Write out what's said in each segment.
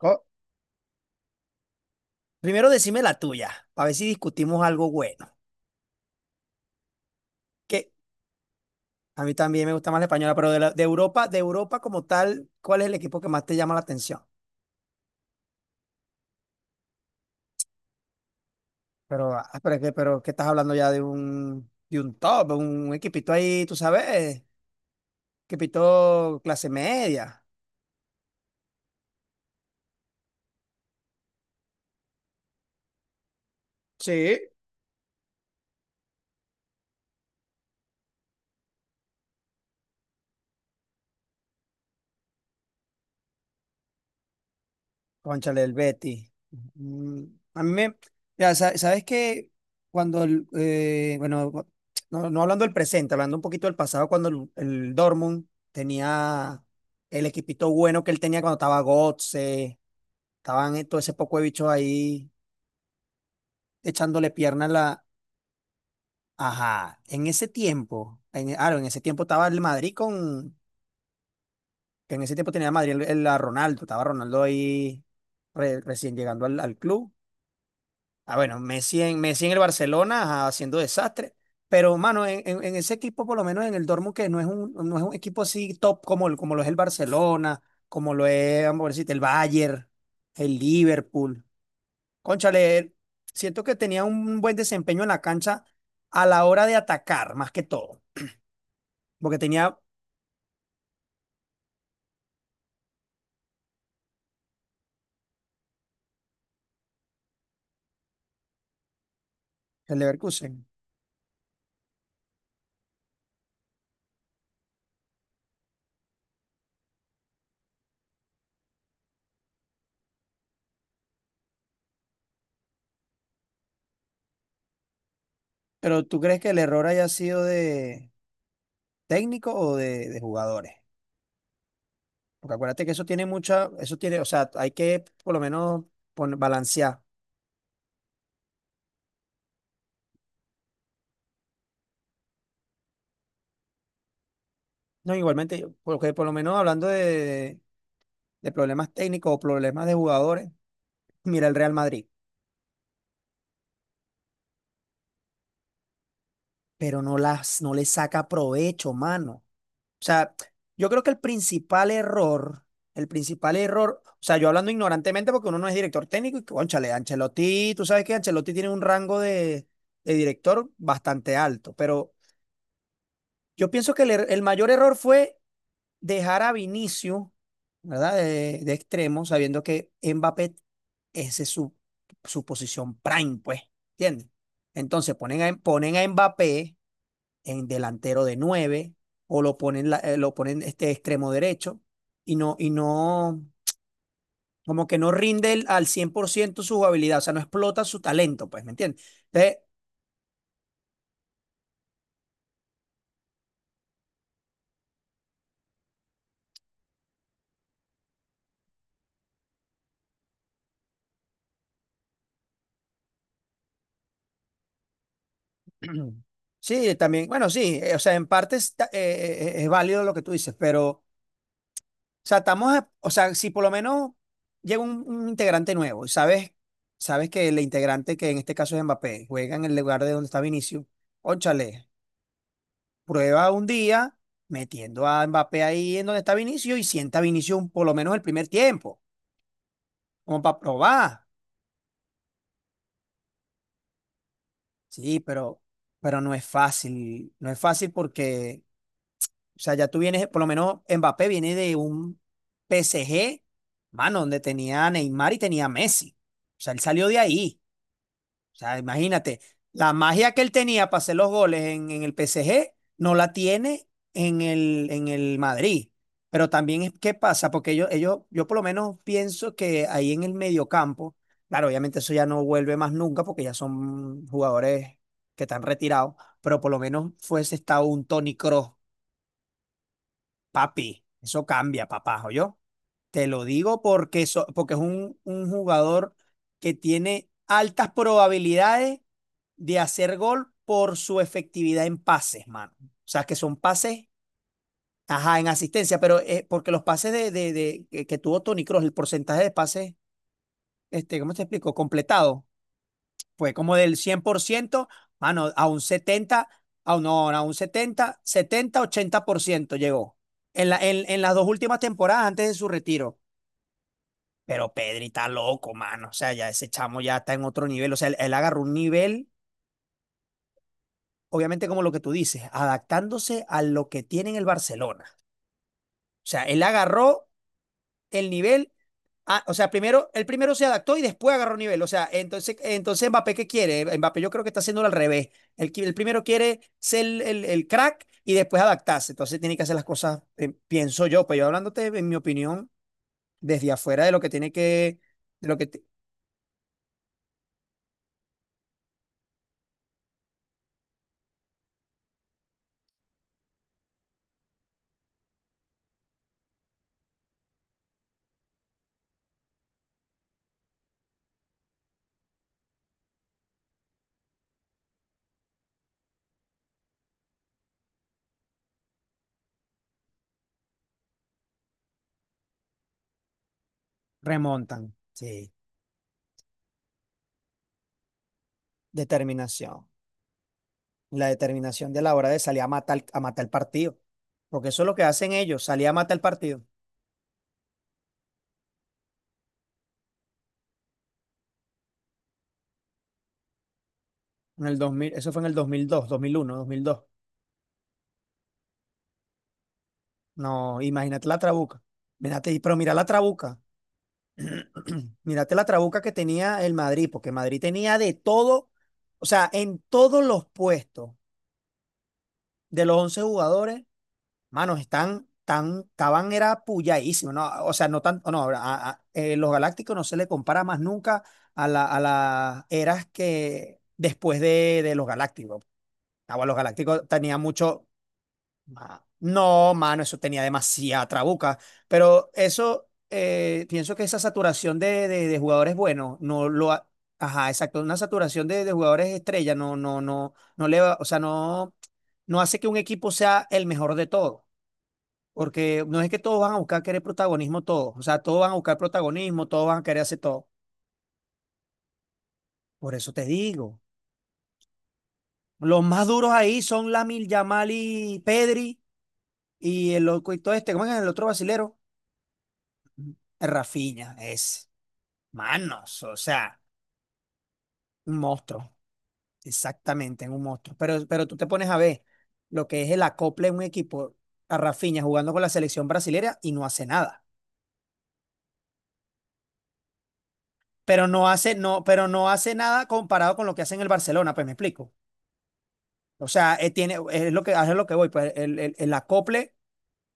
Co- Primero decime la tuya, para ver si discutimos algo bueno. Que a mí también me gusta más la española, pero de Europa como tal, ¿cuál es el equipo que más te llama la atención? Pero ¿qué estás hablando ya de de un top, un equipito ahí, tú sabes, equipito clase media. Sí. Cónchale, el Betty. Mm. A mí me, ya, sabes que cuando, el, bueno, cu- no, no hablando del presente, hablando un poquito del pasado, cuando el Dortmund tenía el equipito bueno que él tenía cuando estaba Götze, estaban todo ese poco de bichos ahí echándole pierna a la... Ajá, en ese tiempo, en ese tiempo estaba el Madrid con, que en ese tiempo tenía Madrid a Ronaldo, estaba Ronaldo ahí recién llegando al al club. Ah, bueno, Messi en el Barcelona, ajá, haciendo desastre. Pero, mano, en ese equipo, por lo menos en el Dortmund, que no es no es un equipo así top como, como lo es el Barcelona, como lo es, vamos a decirte, el Bayern, el Liverpool. Cónchale, siento que tenía un buen desempeño en la cancha a la hora de atacar, más que todo, porque tenía el Leverkusen. Pero, ¿tú crees que el error haya sido de técnico o de jugadores? Porque acuérdate que eso tiene mucha, eso tiene, o sea, hay que por lo menos balancear. No, igualmente, porque por lo menos hablando de problemas técnicos o problemas de jugadores, mira el Real Madrid, pero no las, no le saca provecho, mano. O sea, yo creo que el principal error, o sea, yo hablando ignorantemente porque uno no es director técnico y, cónchale, Ancelotti, tú sabes que Ancelotti tiene un rango de director bastante alto, pero yo pienso que el mayor error fue dejar a Vinicius, ¿verdad? De extremo, sabiendo que Mbappé esa es su, su posición prime, pues, ¿entiendes? Entonces ponen a Mbappé en delantero de 9 o lo ponen, lo ponen este extremo derecho y y no, como que no rinde al 100% su habilidad, o sea, no explota su talento, pues, ¿me entiendes? Entonces, sí, también, bueno, sí, o sea, en parte es válido lo que tú dices, pero o sea, estamos, o sea, si por lo menos llega un integrante nuevo y sabes, sabes que el integrante, que en este caso es Mbappé, juega en el lugar de donde está Vinicius, óchale, prueba un día metiendo a Mbappé ahí en donde está Vinicius y sienta a Vinicius por lo menos el primer tiempo, como para probar. Sí, pero no es fácil, no es fácil porque, o sea, ya tú vienes, por lo menos Mbappé viene de un PSG, mano, donde tenía a Neymar y tenía a Messi. O sea, él salió de ahí. O sea, imagínate, la magia que él tenía para hacer los goles en el P S G no la tiene en el Madrid. Pero también, ¿qué pasa? Porque yo por lo menos pienso que ahí en el mediocampo, claro, obviamente eso ya no vuelve más nunca porque ya son jugadores que están retirados, pero por lo menos fuese estado un Toni Kroos, papi, eso cambia, papá, yo te lo digo porque, porque es un jugador que tiene altas probabilidades de hacer gol por su efectividad en pases, mano. O sea, que son pases, ajá, en asistencia, pero porque los pases que tuvo Toni Kroos, el porcentaje de pases, este, ¿cómo te explico? Completado, fue como del cien por ciento, mano, a un setenta, a un, no, a un setenta, setenta, ochenta por ciento llegó. En las dos últimas temporadas antes de su retiro. Pero Pedri está loco, mano. O sea, ya ese chamo ya está en otro nivel. O sea, él agarró un nivel, obviamente como lo que tú dices, adaptándose a lo que tiene en el Barcelona. O sea, él agarró el nivel. Ah, o sea, primero, él primero se adaptó y después agarró nivel. O sea, entonces Mbappé, ¿qué quiere? Mbappé yo creo que está haciéndolo al revés. Él primero quiere ser el crack y después adaptarse. Entonces tiene que hacer las cosas, pienso yo, pues yo hablándote, en mi opinión, desde afuera de lo que tiene que, de lo remontan. Sí. Determinación. La determinación de la hora de salir a matar el partido. Porque eso es lo que hacen ellos, salir a matar el partido. En el dos mil, eso fue en el dos mil dos, dos mil mil uno, dos mil dos. No, imagínate la trabuca. Mírate, pero mira la trabuca. Mírate la trabuca que tenía el Madrid, porque Madrid tenía de todo, o sea, en todos los puestos de los 11 jugadores. Manos, estaban, era puyadísimo, ¿no? O sea, no tanto, no, los galácticos no se le compara más nunca a la, a las eras que después de los galácticos. Ah, bueno, los galácticos tenían mucho, no, mano, eso tenía demasiada trabuca, pero eso, pienso que esa saturación de jugadores buenos, no lo, ha- ajá, exacto, una saturación de jugadores estrella, no le va, o sea, no, no hace que un equipo sea el mejor de todos. Porque no es que todos van a buscar querer protagonismo, todos. O sea, todos van a buscar protagonismo, todos van a querer hacer todo. Por eso te digo. Los más duros ahí son Lamil Yamal y Pedri. Y el loco y todo este, ¿cómo es el otro brasilero? Rafinha, es. Manos, o sea, un monstruo. Exactamente, en un monstruo. Pero tú te pones a ver lo que es el acople de un equipo a Rafinha jugando con la selección brasilera y no hace nada. Pero no hace, no, pero no hace nada comparado con lo que hace en el Barcelona, pues me explico. O sea, es lo que voy, pues el acople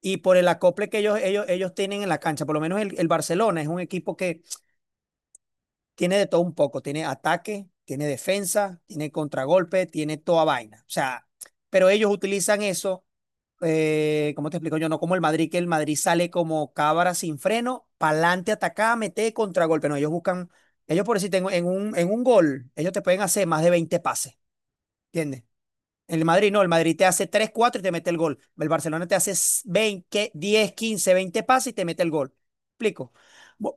y por el acople que ellos tienen en la cancha, por lo menos el Barcelona es un equipo que tiene de todo un poco, tiene ataque, tiene defensa, tiene contragolpe, tiene toda vaina. O sea, pero ellos utilizan eso, ¿cómo te explico yo? No como el Madrid, que el Madrid sale como cabra sin freno, pa'lante, atacada, mete contragolpe. No, ellos buscan, ellos por decir, tengo en en un gol, ellos te pueden hacer más de 20 pases, ¿entiendes? El Madrid no, el Madrid te hace 3 4 y te mete el gol. El Barcelona te hace 20, 10, 15, 20 pases y te mete el gol. ¿Explico? Bu-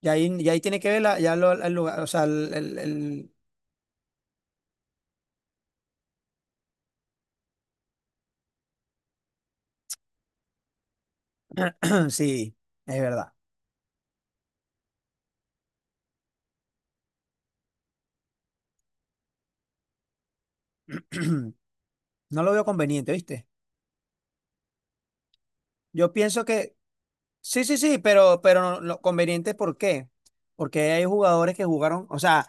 Y ahí tiene que ver la, el lugar, o sea, sí, es verdad. No lo veo conveniente, ¿viste? Yo pienso que sí, sí, sí, pero no, conveniente, ¿por qué? Porque hay jugadores que jugaron, o sea,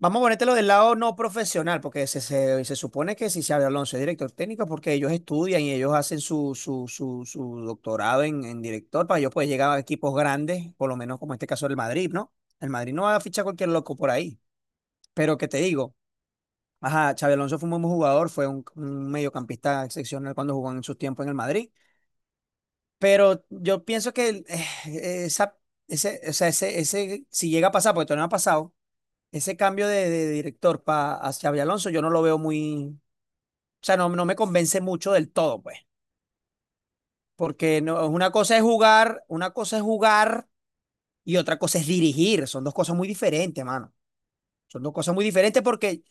vamos a ponértelo del lado no profesional, porque se supone que si Xabi Alonso es director técnico, porque ellos estudian y ellos hacen su doctorado en director para ellos poder llegar a equipos grandes, por lo menos como en este caso del Madrid, ¿no? El Madrid no va a fichar cualquier loco por ahí. Pero que te digo, ajá, Xabi Alonso fue un buen jugador, fue un mediocampista excepcional cuando jugó en sus tiempos en el Madrid. Pero yo pienso que esa, ese, o sea, ese, si llega a pasar, porque todavía no ha pasado ese cambio de director pa hacia Xabi Alonso, yo no lo veo muy, o sea, no, no me convence mucho del todo, pues, porque no, una cosa es jugar, una cosa es jugar y otra cosa es dirigir, son dos cosas muy diferentes, mano. Son dos cosas muy diferentes porque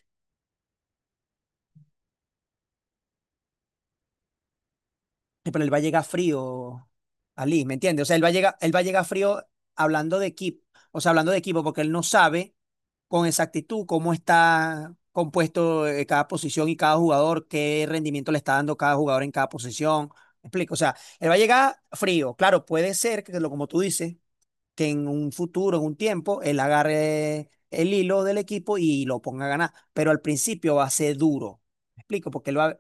sí, pero él va a llegar frío, Ali, ¿me entiendes? O sea, él va a llegar, él va a llegar frío hablando de equipo, o sea, hablando de equipo, porque él no sabe con exactitud cómo está compuesto, cada posición y cada jugador, qué rendimiento le está dando cada jugador en cada posición. ¿Me explico? O sea, él va a llegar frío. Claro, puede ser que, como tú dices, que en un futuro, en un tiempo, él agarre el hilo del equipo y lo ponga a ganar. Pero al principio va a ser duro. ¿Me explico? Porque él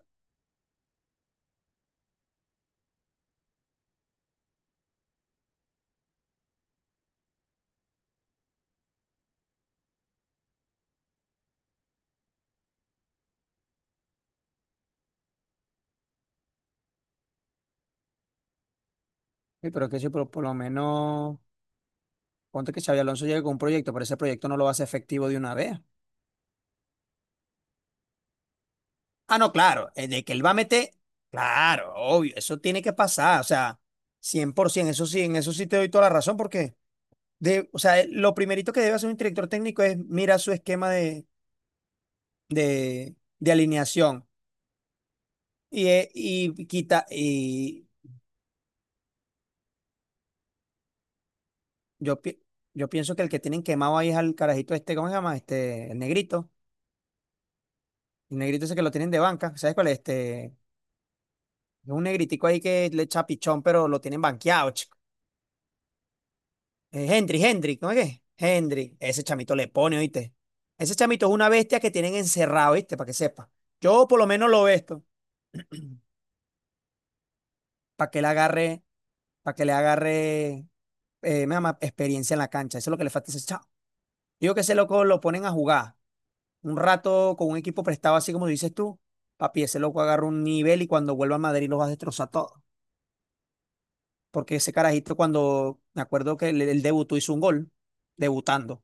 sí, pero que sí, pero por lo menos. Ponte que Xabi Alonso llegue con un proyecto, pero ese proyecto no lo va a hacer efectivo de una vez. Ah, no, claro, de que él va a meter, claro, obvio, eso tiene que pasar, o sea, 100%, eso sí, en eso sí te doy toda la razón, porque, de, o sea, lo primerito que debe hacer un director técnico es mirar su esquema de alineación y, y yo, yo pienso que el que tienen quemado ahí es al carajito este, ¿cómo se llama? Este, el negrito ese que lo tienen de banca, ¿sabes cuál es? Este, es un negritico ahí que le echa pichón, pero lo tienen banqueado, chico. Hendrik, ¿no es qué? Hendrik, ese chamito le pone, ¿oíste? Ese chamito es una bestia que tienen encerrado, ¿viste? Para que sepa. Yo por lo menos lo esto, para que le agarre, para que le agarre, me llama, experiencia en la cancha. Eso es lo que le falta a ese chavo. Digo que ese loco lo ponen a jugar un rato con un equipo prestado, así como dices tú. Papi, ese loco agarra un nivel y cuando vuelva a Madrid los va a destrozar todo. Porque ese carajito, cuando me acuerdo que el debutó hizo un gol, debutando.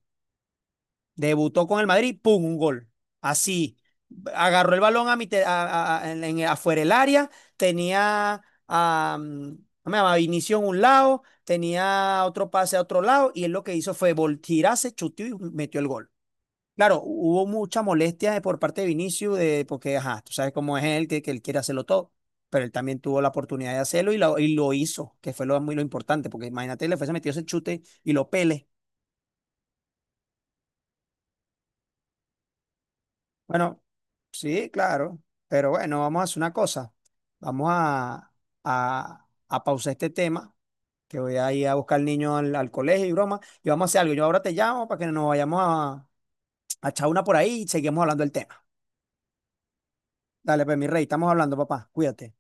Debutó con el Madrid, ¡pum! Un gol. Así. Agarró el balón a afuera del área. Tenía a, mm, ¿cómo se llama? Vinicius en un lado. Tenía otro pase a otro lado. Y él lo que hizo fue voltirarse, chuteó y metió el gol. Claro, hubo mucha molestia por parte de Vinicius, de, porque, ajá, tú sabes cómo es él, que él quiere hacerlo todo. Pero él también tuvo la oportunidad de hacerlo y y lo hizo, que fue lo, muy lo importante, porque imagínate, le fuese metido ese chute y lo pele. Bueno, sí, claro. Pero bueno, vamos a hacer una cosa. Vamos a pausar este tema, que voy a ir a buscar al niño al colegio y broma. Y vamos a hacer algo. Yo ahora te llamo para que nos vayamos a echar una por ahí y seguimos hablando del tema. Dale, pues mi rey, estamos hablando, papá. Cuídate.